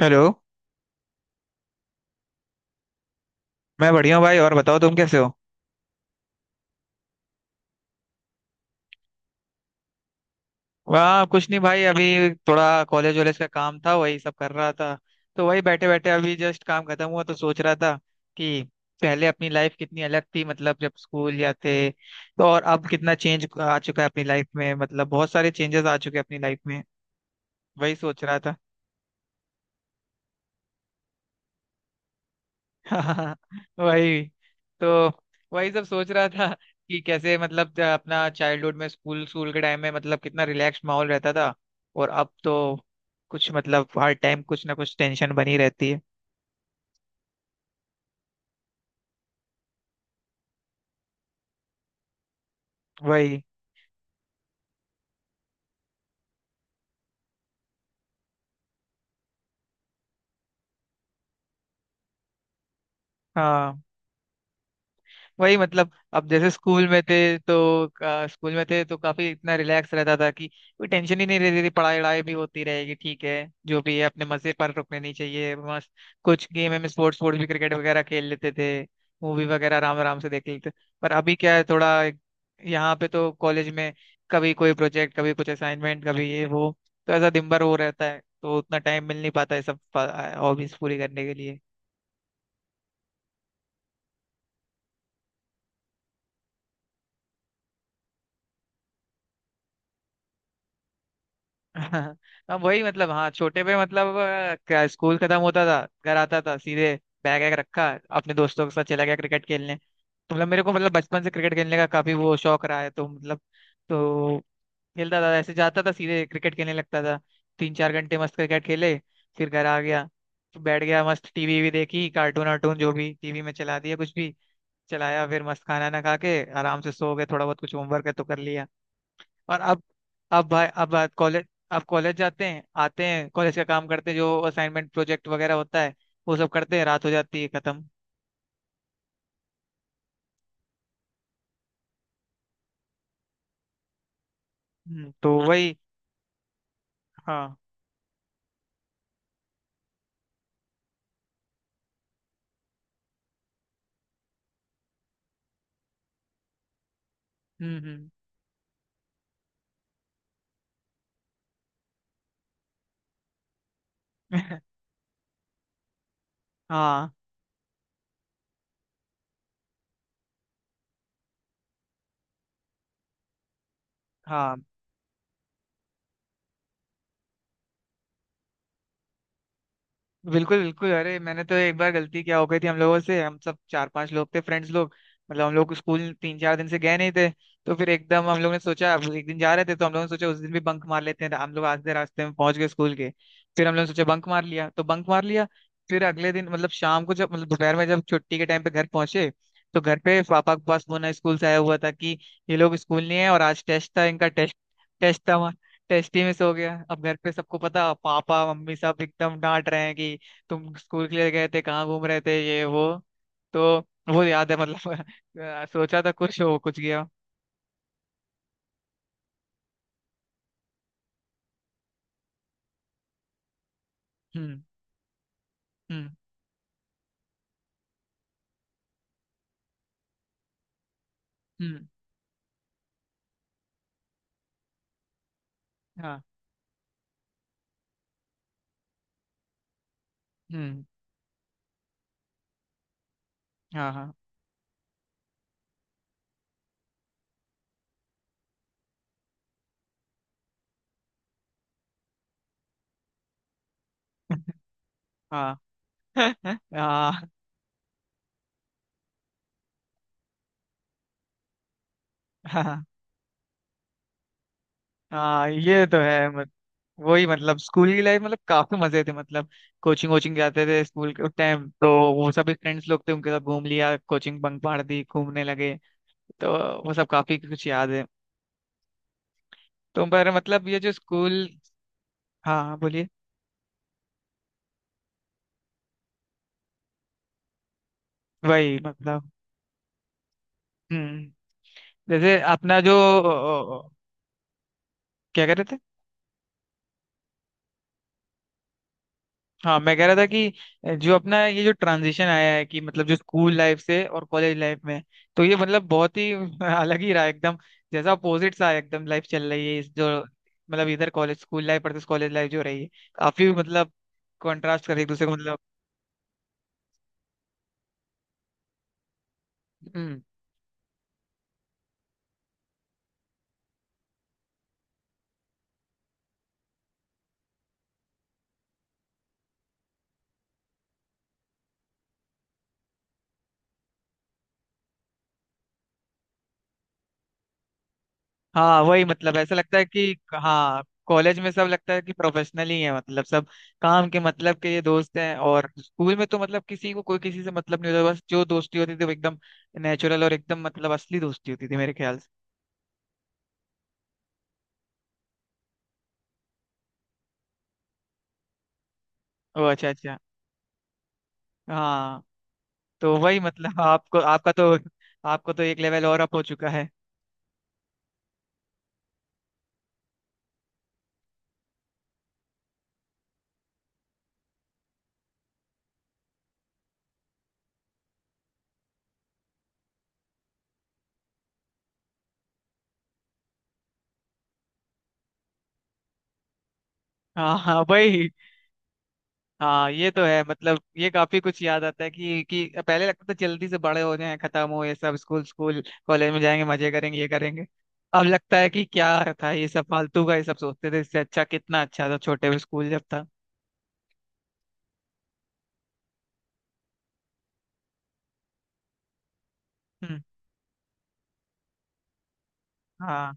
Hello. मैं बढ़िया हूँ भाई, और बताओ तुम कैसे हो? वाह कुछ नहीं भाई, अभी थोड़ा कॉलेज वॉलेज का काम था, वही सब कर रहा था। तो वही बैठे बैठे अभी जस्ट काम खत्म हुआ तो सोच रहा था कि पहले अपनी लाइफ कितनी अलग थी, मतलब जब स्कूल जाते तो, और अब कितना चेंज आ चुका है अपनी लाइफ में, मतलब बहुत सारे चेंजेस आ चुके हैं अपनी लाइफ में। वही सोच रहा था। हाँ। वही। तो वही सब सोच रहा था कि कैसे मतलब अपना चाइल्डहुड में स्कूल स्कूल के टाइम में मतलब कितना रिलैक्स माहौल रहता था। और अब तो कुछ मतलब हर टाइम कुछ ना कुछ टेंशन बनी रहती है। वही। हाँ वही मतलब अब जैसे स्कूल में थे तो काफी इतना रिलैक्स रहता था कि कोई टेंशन ही नहीं रहती थी, पढ़ाई वढ़ाई भी होती रहेगी ठीक है। जो भी है अपने मजे पर रुकने नहीं चाहिए, मस्त कुछ गेम में स्पोर्ट्स स्पोर्ट्स भी क्रिकेट वगैरह खेल लेते थे। मूवी वगैरह आराम आराम से देख लेते। पर अभी क्या है, थोड़ा यहाँ पे तो कॉलेज में कभी कोई प्रोजेक्ट, कभी कुछ असाइनमेंट, कभी ये वो, तो ऐसा दिन भर हो रहता है तो उतना टाइम मिल नहीं पाता है सब हॉबीज पूरी करने के लिए। हाँ। हाँ, वही मतलब हाँ छोटे पे मतलब क्या स्कूल खत्म होता था, घर आता था सीधे, बैग वैग रखा, अपने दोस्तों के साथ चला गया क्रिकेट खेलने, तो मतलब मेरे को मतलब बचपन से क्रिकेट खेलने का काफी वो शौक रहा है तो मतलब। तो खेलता था, ऐसे जाता था सीधे क्रिकेट खेलने लगता था। 3-4 घंटे मस्त क्रिकेट खेले, फिर घर आ गया। तो बैठ गया मस्त, टीवी भी देखी, कार्टून वार्टून जो भी टीवी में चला दिया, कुछ भी चलाया, फिर मस्त खाना ना खा के आराम से सो गए, थोड़ा बहुत कुछ होमवर्क है तो कर लिया। और अब भाई, अब बात कॉलेज। अब कॉलेज जाते हैं, आते हैं, कॉलेज का काम करते हैं, जो असाइनमेंट प्रोजेक्ट वगैरह होता है वो सब करते हैं, रात हो जाती है, खत्म। तो वही। हाँ। हम्म। हम्म। हाँ हाँ, बिल्कुल बिल्कुल, अरे मैंने तो एक बार गलती क्या हो गई थी हम लोगों से, हम सब 4-5 लोग थे फ्रेंड्स लोग। मतलब हम लोग स्कूल 3-4 दिन से गए नहीं थे। तो फिर एकदम हम लोग ने सोचा, अब एक दिन जा रहे थे तो हम लोगों ने सोचा उस दिन भी बंक मार लेते हैं, तो हम लोग आधे रास्ते में पहुंच गए स्कूल के। फिर हम लोगों ने सोचा बंक मार लिया तो बंक मार लिया। फिर अगले दिन, मतलब शाम को, जब मतलब दोपहर में जब छुट्टी के टाइम पे घर पहुंचे, तो घर पे पापा के पास फोन स्कूल से आया हुआ था कि ये लोग स्कूल नहीं है, और आज टेस्ट था इनका, टेस्ट टेस्ट था वहाँ। टेस्ट ही मिस हो गया, अब घर पे सबको पता, पापा मम्मी सब एकदम डांट रहे हैं कि तुम स्कूल के लिए गए थे, कहाँ घूम रहे थे ये वो। तो वो याद है, मतलब सोचा था कुछ हो कुछ गया। हम्म। हम्म। हम्म। हाँ। हम्म। हाँ। हाँ। हाँ। हाँ। हाँ। हाँ, ये तो है मत, वही मतलब स्कूल की लाइफ मतलब काफी मजे थे मतलब। कोचिंग वोचिंग जाते थे स्कूल के टाइम तो, वो सब फ्रेंड्स लोग थे, उनके साथ घूम लिया, कोचिंग बंक मार दी, घूमने लगे। तो वो सब काफी कुछ याद है। तो पर मतलब ये जो स्कूल। हाँ हाँ, बोलिए। वही मतलब। हम्म। जैसे अपना जो क्या कह रहे थे? हाँ मैं कह रहा था कि जो अपना ये जो ट्रांजिशन आया है कि मतलब जो स्कूल लाइफ से और कॉलेज लाइफ में, तो ये मतलब बहुत ही अलग ही रहा एकदम, जैसा अपोजिट सा एकदम लाइफ चल रही है इस जो, मतलब इधर college, school life versus college life जो रही है, काफी मतलब कंट्रास्ट कर एक दूसरे को मतलब। हाँ वही मतलब ऐसा लगता है कि हाँ कॉलेज में सब लगता है कि प्रोफेशनल ही है, मतलब सब काम के मतलब के ये दोस्त हैं, और स्कूल में तो मतलब किसी को कोई किसी से मतलब नहीं होता, बस जो दोस्ती होती थी वो एकदम नेचुरल और एकदम मतलब असली दोस्ती होती थी मेरे ख्याल से। ओ अच्छा अच्छा। हाँ। तो वही मतलब आपको आपका तो आपको तो एक लेवल और अप हो चुका है। हाँ हाँ, वही। हाँ ये तो है मतलब ये काफी कुछ याद आता है कि पहले लगता था जल्दी से बड़े हो जाएं, खत्म हो ये सब स्कूल स्कूल, कॉलेज में जाएंगे, मजे करेंगे, ये करेंगे। अब लगता है कि क्या था ये सब फालतू का, ये सब सोचते थे, इससे अच्छा कितना अच्छा था छोटे में स्कूल जब था। हम्म। हाँ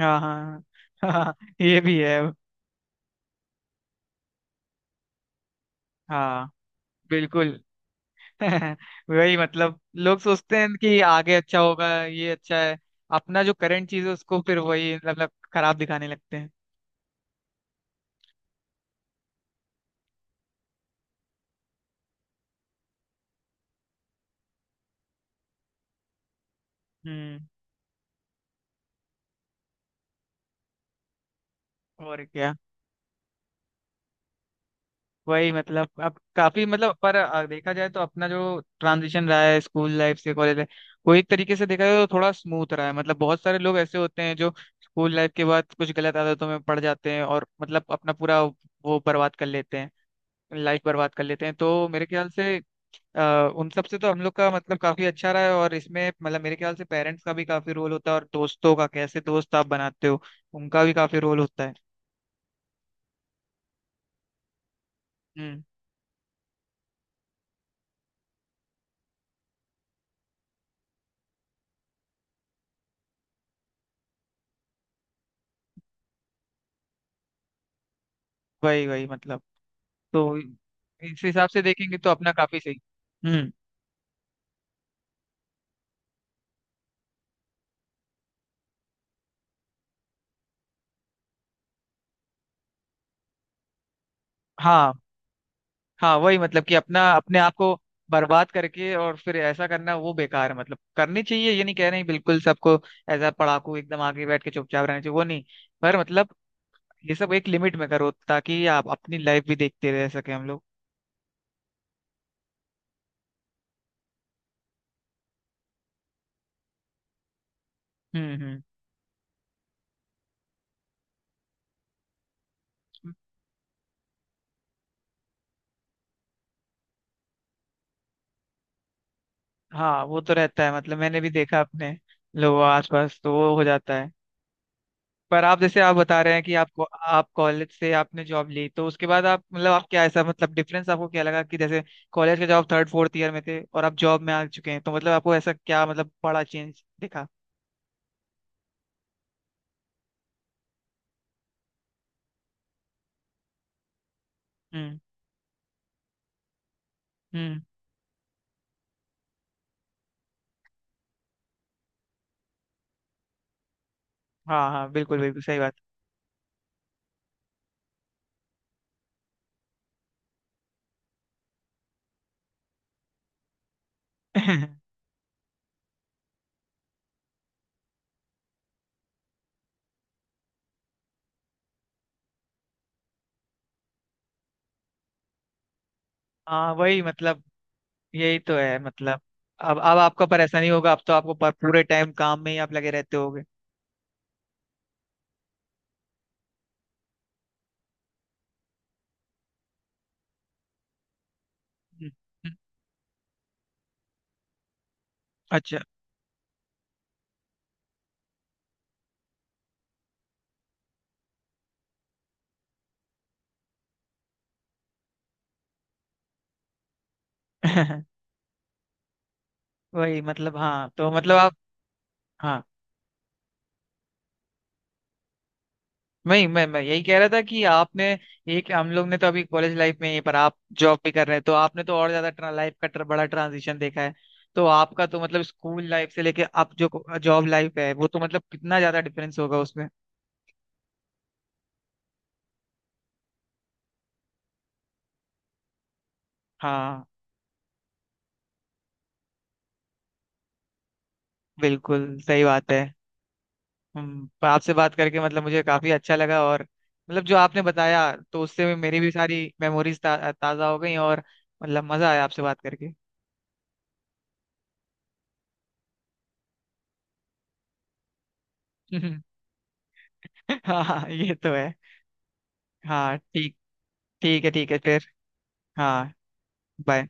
हाँ हाँ हाँ। ये भी है। हाँ बिल्कुल। वही मतलब लोग सोचते हैं कि आगे अच्छा होगा, ये अच्छा है, अपना जो करंट चीज है उसको फिर वही मतलब खराब दिखाने लगते हैं। हम्म। और क्या। वही मतलब अब काफी मतलब, पर देखा जाए तो अपना जो ट्रांजिशन रहा है स्कूल लाइफ से कॉलेज लाइफ, वो एक तरीके से देखा जाए तो थोड़ा स्मूथ रहा है, मतलब बहुत सारे लोग ऐसे होते हैं जो स्कूल लाइफ के बाद कुछ गलत आदतों में पड़ जाते हैं, और मतलब अपना पूरा वो बर्बाद कर लेते हैं, लाइफ बर्बाद कर लेते हैं, तो मेरे ख्याल से उन सब से तो हम लोग का मतलब काफी अच्छा रहा है, और इसमें मतलब मेरे ख्याल से पेरेंट्स का भी काफी रोल होता है, और दोस्तों का, कैसे दोस्त आप बनाते हो उनका भी काफी रोल होता है। हम्म। वही वही मतलब तो इस हिसाब से देखेंगे तो अपना काफी सही। हम्म। हाँ। हाँ वही मतलब कि अपना अपने आप को बर्बाद करके और फिर ऐसा करना वो बेकार है, मतलब करनी चाहिए ये नहीं कह रहे हैं बिल्कुल, सबको ऐसा पढ़ाकू एकदम आगे बैठ के चुपचाप रहना चाहिए वो नहीं, पर मतलब ये सब एक लिमिट में करो ताकि आप अपनी लाइफ भी देखते रह सके हम लोग। हम्म। हम्म। हाँ वो तो रहता है, मतलब मैंने भी देखा अपने लोगों आसपास तो वो हो जाता है। पर आप जैसे आप बता रहे हैं कि आपको आप कॉलेज से आपने जॉब ली तो उसके बाद आप मतलब आप क्या ऐसा मतलब डिफरेंस आपको क्या लगा कि जैसे कॉलेज के जॉब थर्ड फोर्थ ईयर में थे और आप जॉब में आ चुके हैं तो मतलब आपको ऐसा क्या मतलब बड़ा चेंज दिखा? हम्म। हम्म। हाँ हाँ, बिल्कुल बिल्कुल सही बात। हाँ वही मतलब, यही तो है मतलब, अब आपका परेशानी होगा, अब तो आपको पूरे टाइम काम में ही आप लगे रहते होगे। हम्म। हम्म। अच्छा। वही मतलब हाँ तो मतलब आप। हाँ वही मैं यही कह रहा था कि आपने एक हम लोग ने तो अभी कॉलेज लाइफ में ही, पर आप जॉब भी कर रहे हैं तो आपने तो और ज्यादा लाइफ का बड़ा ट्रांजिशन देखा है, तो आपका तो मतलब स्कूल लाइफ से लेके अब जो जॉब लाइफ है वो तो मतलब कितना ज्यादा डिफरेंस होगा उसमें। हाँ बिल्कुल सही बात है। हम्म, पर आपसे बात करके मतलब मुझे काफी अच्छा लगा, और मतलब जो आपने बताया तो उससे भी मेरी भी सारी मेमोरीज ताजा हो गई, और मतलब मजा आया आपसे बात करके। हाँ हाँ, ये तो है। हाँ ठीक। ठीक है, ठीक है फिर। हाँ। बाय।